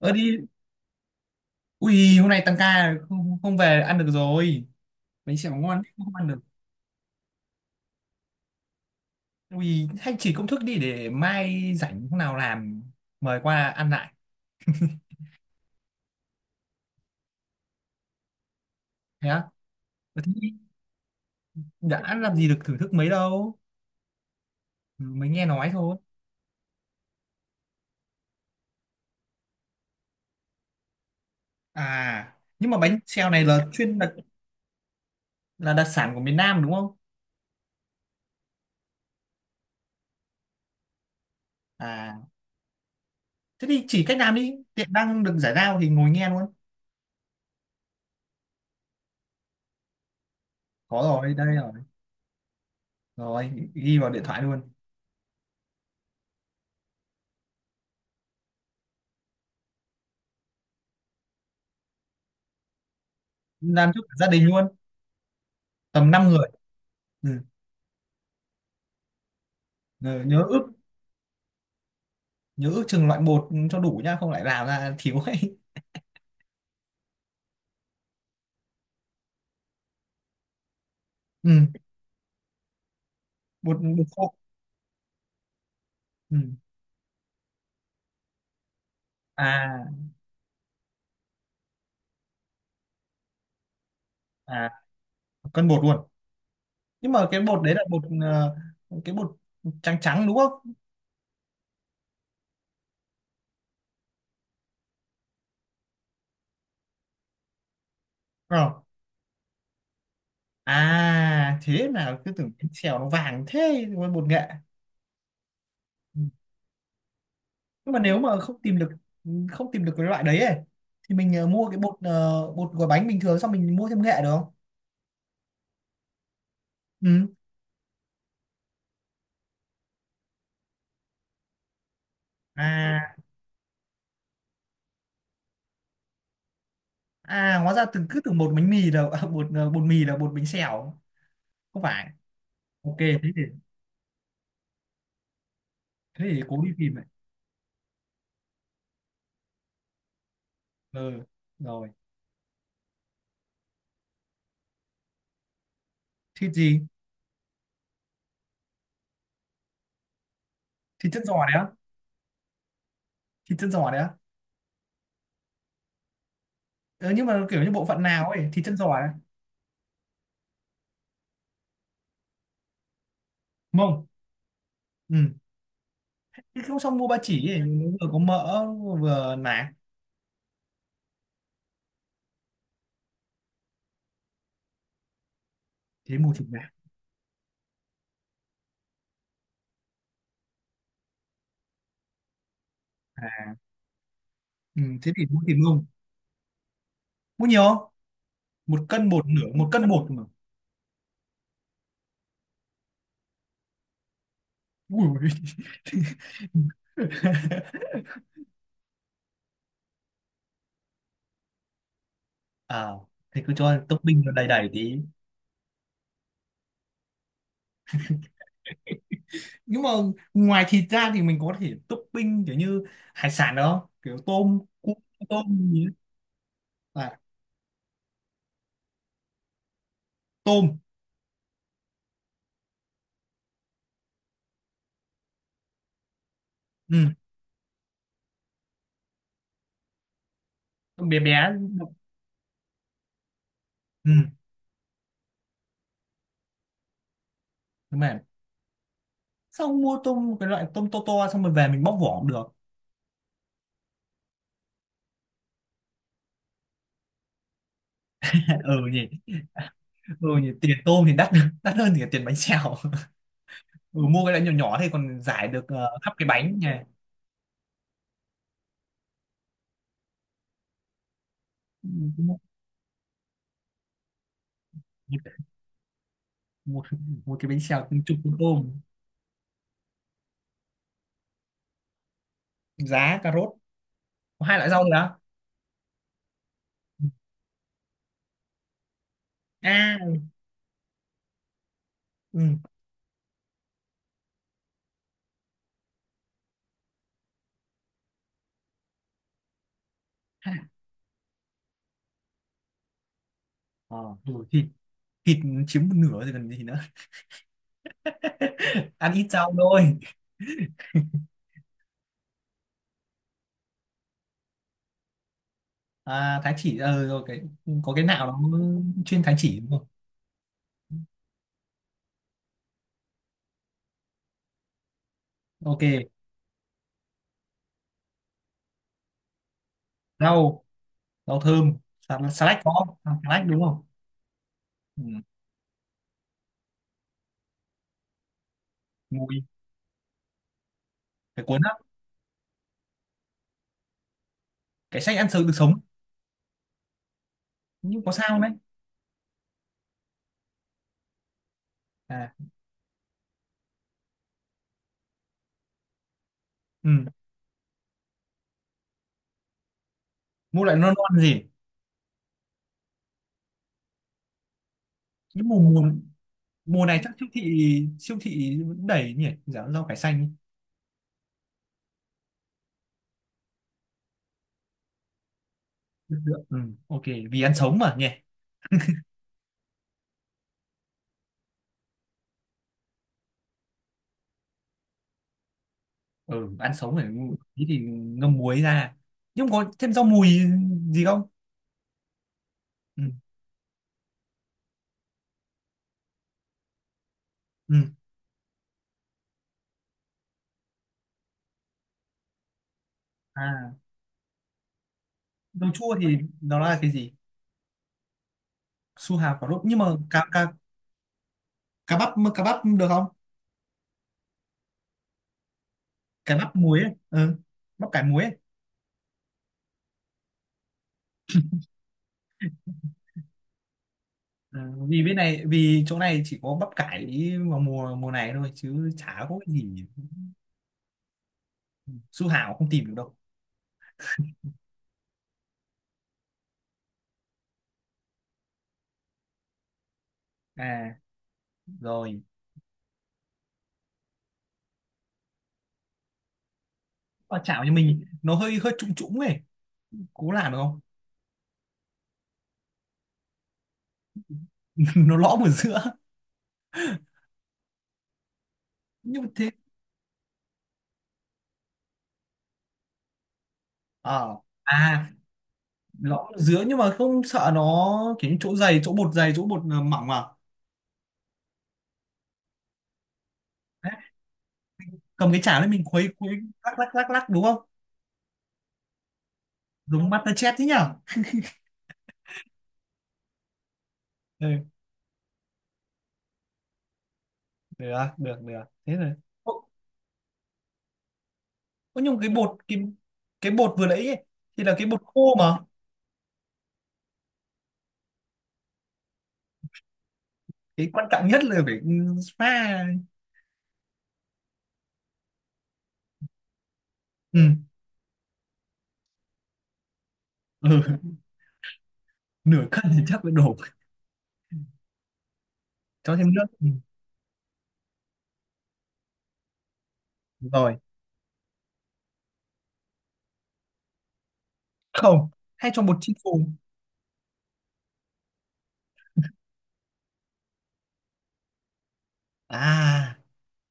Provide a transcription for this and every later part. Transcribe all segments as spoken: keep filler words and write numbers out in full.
Ơ đi, ui hôm nay tăng ca không không về ăn được rồi. Bánh xèo ngon không ăn được. Ui hay chỉ công thức đi để mai rảnh hôm nào làm mời qua ăn lại. Thế á? Ờ, thế đi, đã làm gì được thưởng thức mấy đâu. Ừ, mới nghe nói thôi. À, nhưng mà bánh xèo này là chuyên đặc, là đặc sản của miền Nam đúng không? À, thế thì chỉ cách làm đi. Tiện đang được giải lao thì ngồi nghe luôn. Có rồi, đây rồi. Rồi, ghi vào điện thoại luôn. Làm cho cả gia đình luôn. Tầm năm người. Ừ, ừ, nhớ ước nhớ ước chừng loại một cho đủ nhá không lại làm ra thiếu ấy. Ừ, bột bột khô. Ừ. À, à, cân bột luôn. Nhưng mà cái bột đấy là bột, ờ, cái bột trắng trắng đúng không? Ờ. À thế là cứ tưởng bánh xèo nó vàng thế mà bột nghệ. Ừ. Nhưng mà nếu mà không tìm được không tìm được cái loại đấy ấy thì mình, ờ, mua cái bột, ờ, bột gói bánh bình thường xong mình mua thêm nghệ được không? Ừ. À, à, hóa ra từng cứ tưởng bột bánh mì là bột, ờ, bột mì là bột bánh xèo. Không phải. Ok thế thì thế thì cố đi tìm này. Ừ, rồi. Thịt gì? Thịt chân giò đấy á? Thịt chân giò đấy á? Ừ, nhưng mà kiểu như bộ phận nào ấy, thịt chân giò đấy? Mông. Ừ. Thế không, xong mua ba chỉ ấy, nó vừa có mỡ vừa nạc. Thế mua thịt nạc. À. Ừ, thế thì mua thịt mông. Mua nhiều không? Một cân, một nửa, một cân, một mà. Ui ui. À thì cứ cho topping nó đầy đầy tí. Nhưng mà ngoài thịt ra thì mình có thể topping kiểu như hải sản được không, kiểu tôm cua? Tôm gì ấy. À. Tôm. Ừ. Tôm bé bé. Ừ. Đúng rồi. Xong mua tôm cái loại tôm to to xong rồi về mình bóc vỏ cũng được. Ừ nhỉ, ừ nhỉ, tiền tôm thì đắt đắt hơn thì tiền bánh xèo. Ừ, mua cái loại nhỏ nhỏ thì còn giải được ờ, khắp cái bánh nhỉ. Ừ, mua, mua, mua cái bánh xèo từng chục con tôm. Giá cà rốt. Có hai loại rau nữa à? À, ừ, hai loại. Ờ. Ừ, thịt thịt chiếm một nửa rồi còn gì nữa. Ăn ít rau thôi. À, thái chỉ, ờ rồi cái có cái nào nó chuyên thái chỉ đúng không? Ok. Rau rau thơm, salad, salad có không? À, salad đúng không? Ừ. Mùi. Cái cuốn á? Cái sách ăn sống được, sống. Nhưng có sao đấy. À. Ừ. Mua lại non non gì. Nhưng mùa mùa mùa này chắc siêu thị siêu thị vẫn đầy nhỉ, giá rau cải xanh. Được được. Ừ. Ok. Vì ăn sống mà nhỉ. Ừ, ăn sống phải ngu- tí thì ngâm muối ra. Nhưng có thêm rau mùi gì không? Ừ. Ừ. À, rau chua thì nó là cái gì? Su hào quả lốt nhưng mà, cá cá cá bắp cá bắp được không? Cái bắp muối ấy. Ừ, bắp cải muối ấy. Ừ, vì bên này, vì chỗ này chỉ có bắp cải vào mùa mùa này thôi chứ chả có cái gì. Su hào không tìm được đâu. À, rồi. Ờ, chảo nhà mình nó hơi hơi trũng trũng ấy, cố làm được không? Nó lõm ở giữa. Nhưng mà thế. Ờ. À, lõm ở giữa nhưng mà không sợ nó kiểu như chỗ dày, chỗ bột dày chỗ bột, ờ, mỏng à? Đấy, cầm cái chảo lên mình khuấy khuấy, lắc lắc lắc lắc đúng không? Giống MasterChef thế nhở. Ừ, được được được, thế rồi. Ơ nhưng cái bột, cái cái bột vừa nãy ấy, thì là cái bột khô mà. Cái quan trọng nhất là phải, ừ, pha. Ừ, ừ. Nửa cân thì chắc phải đổ, cho thêm nước. Ừ. Rồi. Không, hay cho bột chiên phù? À,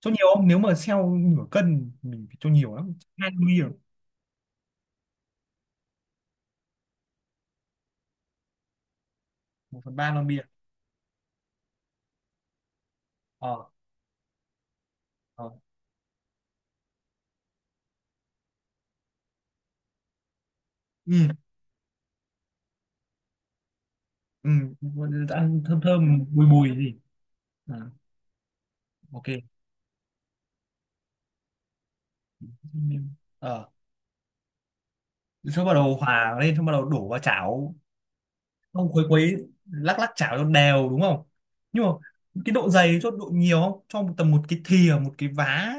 cho nhiều không, nếu mà xeo nửa cân mình phải cho nhiều lắm, hai lon bia? Một phần ba lon bia. Ờ. Ờ. Ừ. Ừ, ăn thơm thơm bùi bùi gì. À, ok. Ờ, xong bắt đầu hòa lên xong bắt đầu đổ vào chảo. Ông khuấy khuấy, lắc lắc chảo cho đều đúng không? Nhưng mà cái độ dày, cho độ nhiều không, cho một tầm một cái thìa, một cái vá?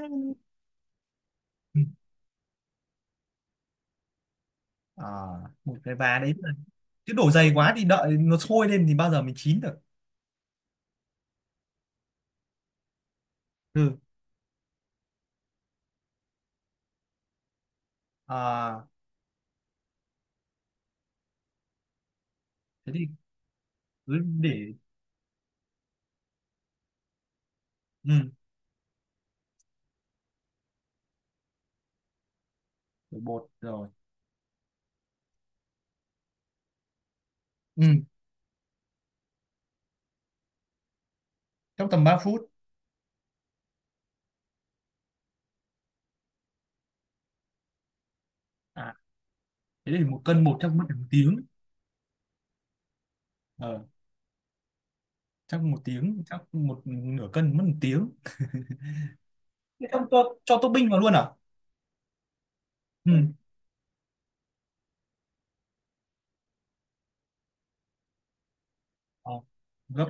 Ừ. À, một cái vá đấy là- chứ đổ dày quá thì đợi nó sôi lên thì bao giờ mình chín được. Ừ. À, thế thì cứ để. Ừ, để bột rồi. Ừ, trong tầm ba phút. À thế thì một cân bột chắc mất một tiếng. Ờ, chắc một tiếng, chắc một nửa cân mất một tiếng. Thế xong cho cho topping vào luôn à? Ừ. Ờ, gấp.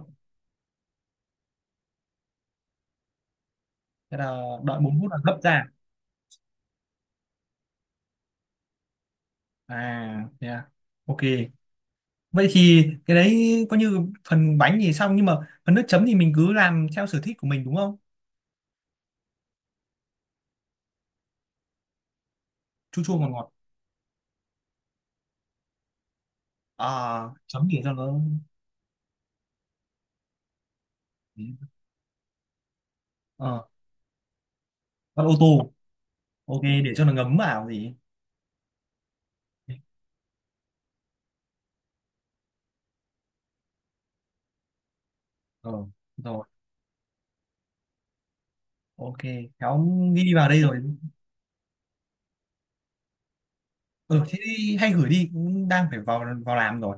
Thế là đợi bốn phút là gấp ra? À, yeah. Ok. Vậy thì cái đấy coi như phần bánh thì xong, nhưng mà phần nước chấm thì mình cứ làm theo sở thích của mình đúng không? Chua chua ngọt ngọt. À, chấm để cho nó. Ờ, con ô tô. Ok, để cho nó ngấm vào gì. Ờ, rồi. Ok, cháu ghi vào đây rồi. Ừ, thế thì hay gửi đi, cũng đang phải vào vào làm rồi.